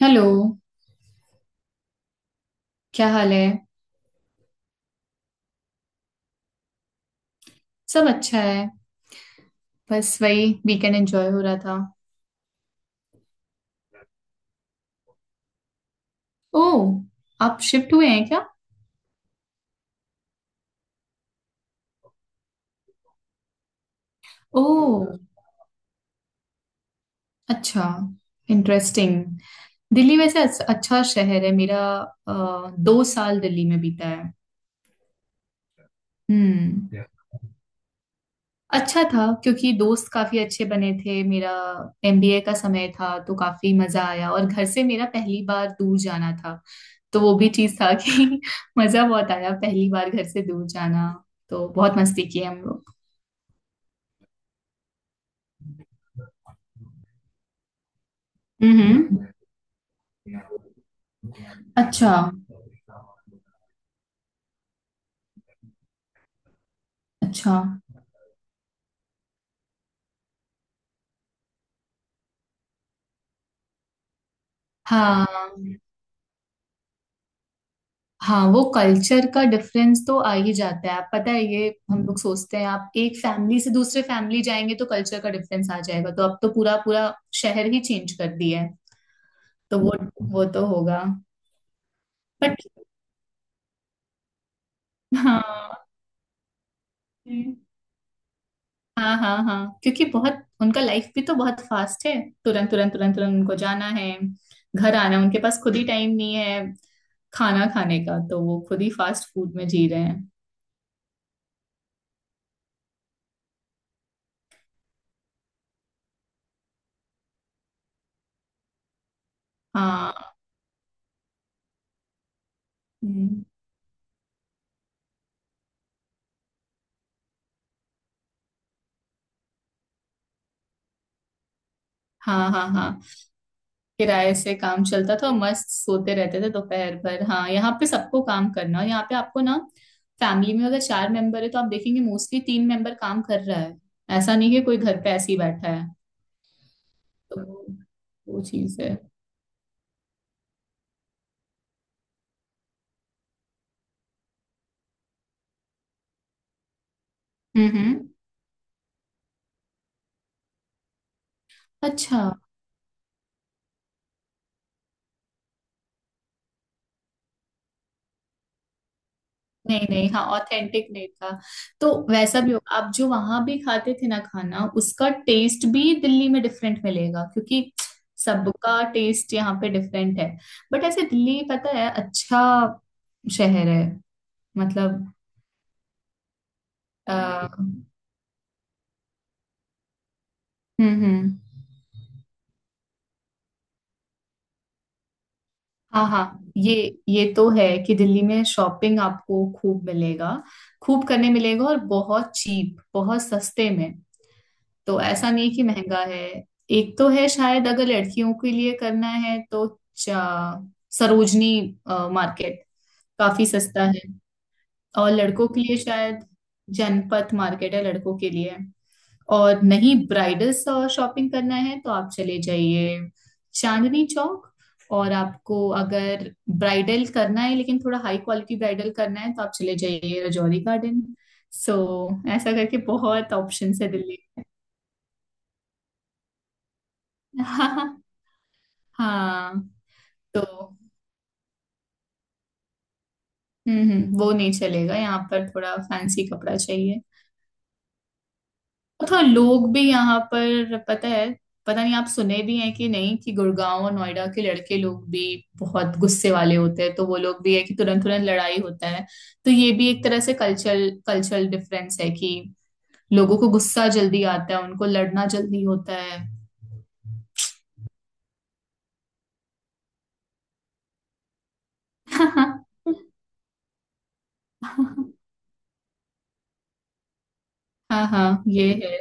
Hello. क्या हाल है। सब अच्छा है। बस वही वीकेंड एंजॉय हो रहा था। ओह, आप शिफ्ट हुए हैं क्या? ओह अच्छा। इंटरेस्टिंग। दिल्ली वैसे अच्छा शहर है मेरा। अ, 2 साल दिल्ली में बीता है। हम्म। अच्छा था क्योंकि दोस्त काफी अच्छे बने थे मेरा। एमबीए का समय था तो काफी मजा आया, और घर से मेरा पहली बार दूर जाना था। तो वो भी चीज था कि मजा बहुत आया, पहली बार घर से दूर जाना। तो बहुत मस्ती की हम लोग। हम्म। अच्छा, अच्छा। हाँ हाँ, वो कल्चर का डिफरेंस तो आ ही जाता है। आप पता है, ये हम लोग सोचते हैं आप एक फैमिली से दूसरे फैमिली जाएंगे तो कल्चर का डिफरेंस आ जाएगा। तो अब तो पूरा पूरा शहर ही चेंज कर दिया है। तो वो तो होगा। बट हाँ हाँ हाँ हाँ, क्योंकि बहुत उनका लाइफ भी तो बहुत फास्ट है। तुरंत तुरंत तुरंत तुरंत उनको जाना है, घर आना है, उनके पास खुद ही टाइम नहीं है खाना खाने का। तो वो खुद ही फास्ट फूड में जी रहे हैं। हाँ। हम्म, हाँ हाँ हाँ, किराए से काम चलता था और मस्त सोते रहते थे दोपहर भर। हाँ, यहाँ पे सबको काम करना। और यहाँ पे आपको ना, फैमिली में अगर चार मेंबर है तो आप देखेंगे मोस्टली तीन मेंबर काम कर रहा है। ऐसा नहीं है कोई घर पे ऐसे ही बैठा है। तो वो चीज है। हम्म। अच्छा। नहीं नहीं, हाँ, ऑथेंटिक नहीं था। तो वैसा भी होगा, आप जो वहां भी खाते थे ना खाना उसका टेस्ट भी दिल्ली में डिफरेंट मिलेगा, क्योंकि सबका टेस्ट यहाँ पे डिफरेंट है। बट ऐसे दिल्ली पता है अच्छा शहर है। मतलब अ, हम्म हम्म। हाँ हाँ, ये तो है कि दिल्ली में शॉपिंग आपको खूब मिलेगा, खूब करने मिलेगा, और बहुत चीप, बहुत सस्ते में। तो ऐसा नहीं कि महंगा है। एक तो है शायद, अगर लड़कियों के लिए करना है तो चा- सरोजनी मार्केट काफी सस्ता है। और लड़कों के लिए शायद जनपथ मार्केट है लड़कों के लिए। और नहीं, ब्राइडल शॉपिंग करना है तो आप चले जाइए चांदनी चौक। और आपको अगर ब्राइडल करना है लेकिन थोड़ा हाई क्वालिटी ब्राइडल करना है, तो आप चले जाइए रजौरी गार्डन। सो, ऐसा करके बहुत ऑप्शंस है दिल्ली। हाँ, तो वो नहीं चलेगा यहाँ पर, थोड़ा फैंसी कपड़ा चाहिए। और थोड़ा लोग भी यहाँ पर पता है, पता नहीं आप सुने भी हैं कि नहीं, कि गुड़गांव और नोएडा के लड़के लोग भी बहुत गुस्से वाले होते हैं, तो वो लोग भी है कि तुरंत तुरंत लड़ाई होता है। तो ये भी एक तरह से कल्चरल कल्चरल डिफरेंस है, कि लोगों को गुस्सा जल्दी आता है, उनको लड़ना जल्दी होता है। हाँ हाँ, ये है।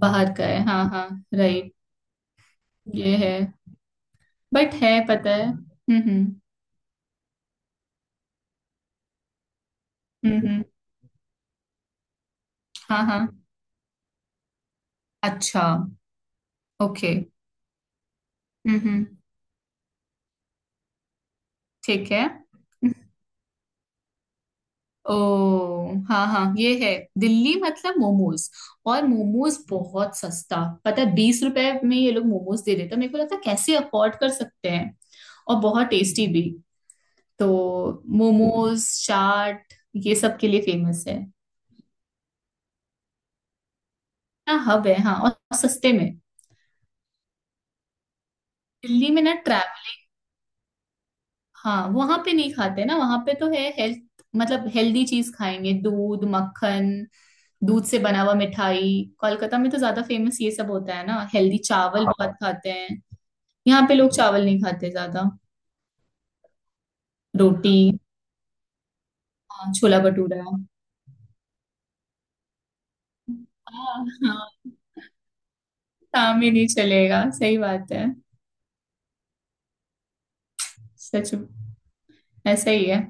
बाहर का है हाँ हाँ। राइट, ये है। बट है, पता है। हम्म, हम्म हम्म, हाँ हाँ। अच्छा, ओके, हम्म, ठीक है। ओ, हाँ हाँ, ये है, दिल्ली मतलब मोमोज। और मोमोज बहुत सस्ता पता है, 20 रुपए में ये लोग मोमोज दे देते हैं, मेरे को लगता है कैसे अफोर्ड कर सकते हैं। और बहुत टेस्टी भी, तो मोमोज, चाट, ये सब के लिए फेमस है। ना हब है हाँ, और सस्ते में। दिल्ली में ना, हाँ, वहां पे नहीं खाते ना, वहां पे तो है हेल्थ, मतलब हेल्दी चीज खाएंगे, दूध, मक्खन, दूध से बना हुआ मिठाई। कोलकाता में तो ज्यादा फेमस ये सब होता है ना, हेल्दी, चावल बहुत हाँ खाते हैं। यहाँ पे लोग चावल नहीं खाते ज्यादा। रोटी, हाँ, छोला भटूरा। हाँ हाँ, काम ही नहीं चलेगा, सही बात है। सच, ऐसा ही है।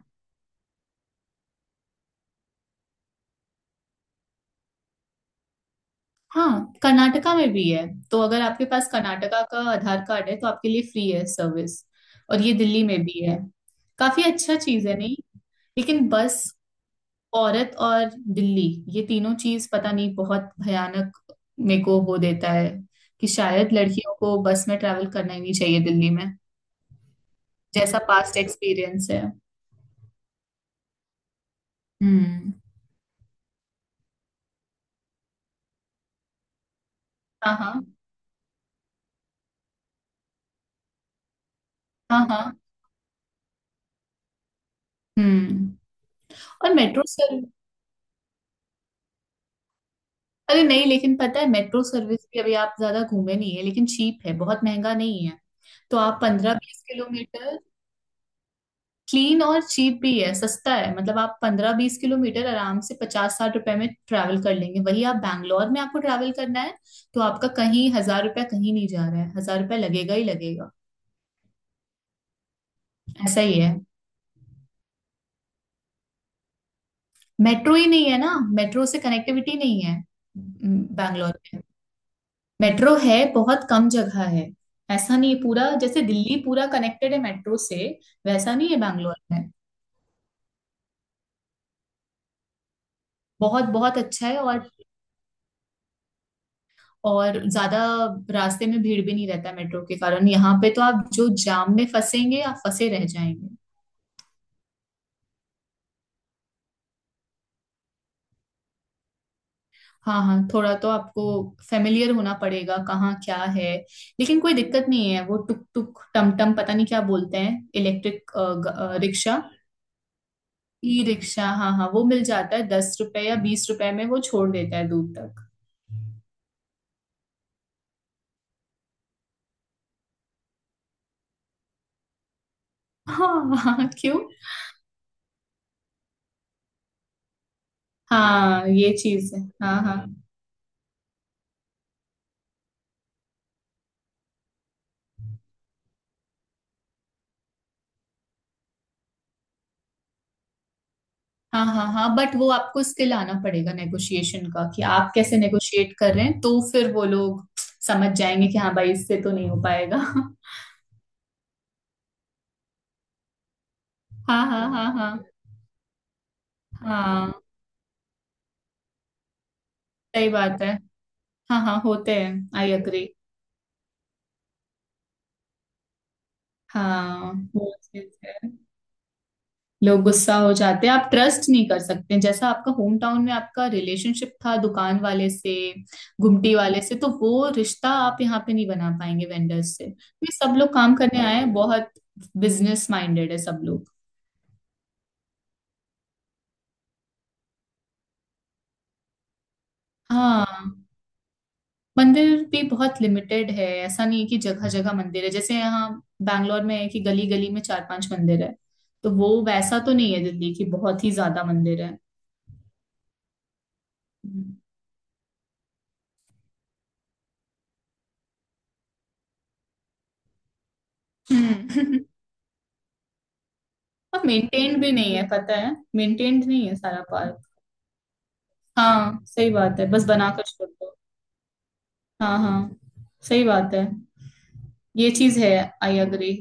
हाँ, कर्नाटका में भी है, तो अगर आपके पास कर्नाटका का आधार कार्ड है तो आपके लिए फ्री है सर्विस। और ये दिल्ली में भी है। काफी अच्छा चीज है नहीं? लेकिन बस, औरत और बिल्ली, ये तीनों चीज पता नहीं बहुत भयानक मेरे को वो देता है, कि शायद लड़कियों को बस में ट्रैवल करना ही नहीं चाहिए दिल्ली में। जैसा पास्ट एक्सपीरियंस है। हम्म, हाँ हाँ हाँ हाँ, हम्म। और मेट्रो सर्विस, अरे नहीं, लेकिन पता है मेट्रो सर्विस भी अभी आप ज्यादा घूमे नहीं है, लेकिन चीप है, बहुत महंगा नहीं है। तो आप 15-20 किलोमीटर, क्लीन और चीप भी है, सस्ता है, मतलब आप 15-20 किलोमीटर आराम से 50-60 रुपए में ट्रैवल कर लेंगे। वही आप बैंगलोर में आपको ट्रैवल करना है, तो आपका कहीं 1000 रुपया, कहीं नहीं जा रहा है, 1000 रुपया लगेगा ही लगेगा। ऐसा ही है। मेट्रो ही नहीं है ना, मेट्रो से कनेक्टिविटी नहीं है। बैंगलोर में मेट्रो है बहुत कम जगह है। ऐसा नहीं है पूरा जैसे दिल्ली पूरा कनेक्टेड है मेट्रो से। वैसा नहीं है बैंगलोर में। बहुत बहुत अच्छा है। और ज्यादा रास्ते में भीड़ भी नहीं रहता मेट्रो के कारण, यहाँ पे तो आप जो जाम में फंसेंगे आप फंसे रह जाएंगे। हाँ हाँ, थोड़ा तो आपको फेमिलियर होना पड़ेगा कहाँ क्या है। लेकिन कोई दिक्कत नहीं है, वो टुक टुक टम टम पता नहीं क्या बोलते हैं, इलेक्ट्रिक रिक्शा, ई रिक्शा, हाँ हाँ, वो मिल जाता है 10 रुपए या 20 रुपए में, वो छोड़ देता है दूर तक। हाँ हाँ, क्यों? हाँ, ये चीज है। हाँ हाँ हाँ हाँ हाँ, बट वो आपको स्किल आना पड़ेगा नेगोशिएशन का, कि आप कैसे नेगोशिएट कर रहे हैं, तो फिर वो लोग समझ जाएंगे कि हाँ भाई, इससे तो नहीं हो पाएगा। हाँ हाँ हाँ हाँ हाँ, सही बात है। हाँ हाँ, होते हैं, आई अग्री। हाँ, वो चीज है। लोग गुस्सा हो जाते हैं, आप ट्रस्ट नहीं कर सकते जैसा आपका होम टाउन में आपका रिलेशनशिप था दुकान वाले से, घुमटी वाले से। तो वो रिश्ता आप यहाँ पे नहीं बना पाएंगे वेंडर्स से, ये सब लोग काम करने आए हैं, बहुत बिजनेस माइंडेड है सब लोग। हाँ, मंदिर भी बहुत लिमिटेड है, ऐसा नहीं है कि जगह जगह मंदिर है, जैसे यहाँ बैंगलोर में है कि गली गली में चार पांच मंदिर है। तो वो वैसा तो नहीं है दिल्ली की, बहुत ही ज्यादा मंदिर है। हम्म और मेंटेन्ड भी नहीं है पता है, मेंटेन्ड नहीं है सारा पार्क। हाँ, सही बात है, बस बनाकर छोड़ दो। हाँ हाँ, सही बात है, ये चीज है, आई अग्री।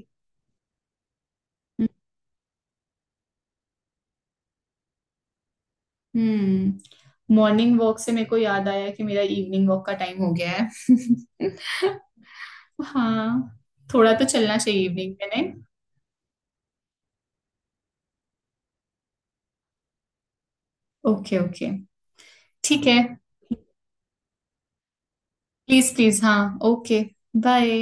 हम्म, मॉर्निंग वॉक से मेरे को याद आया कि मेरा इवनिंग वॉक का टाइम हो गया है। हाँ, थोड़ा तो चलना चाहिए इवनिंग में, नहीं? ओके ओके, ठीक है। प्लीज प्लीज, हाँ, ओके, बाय।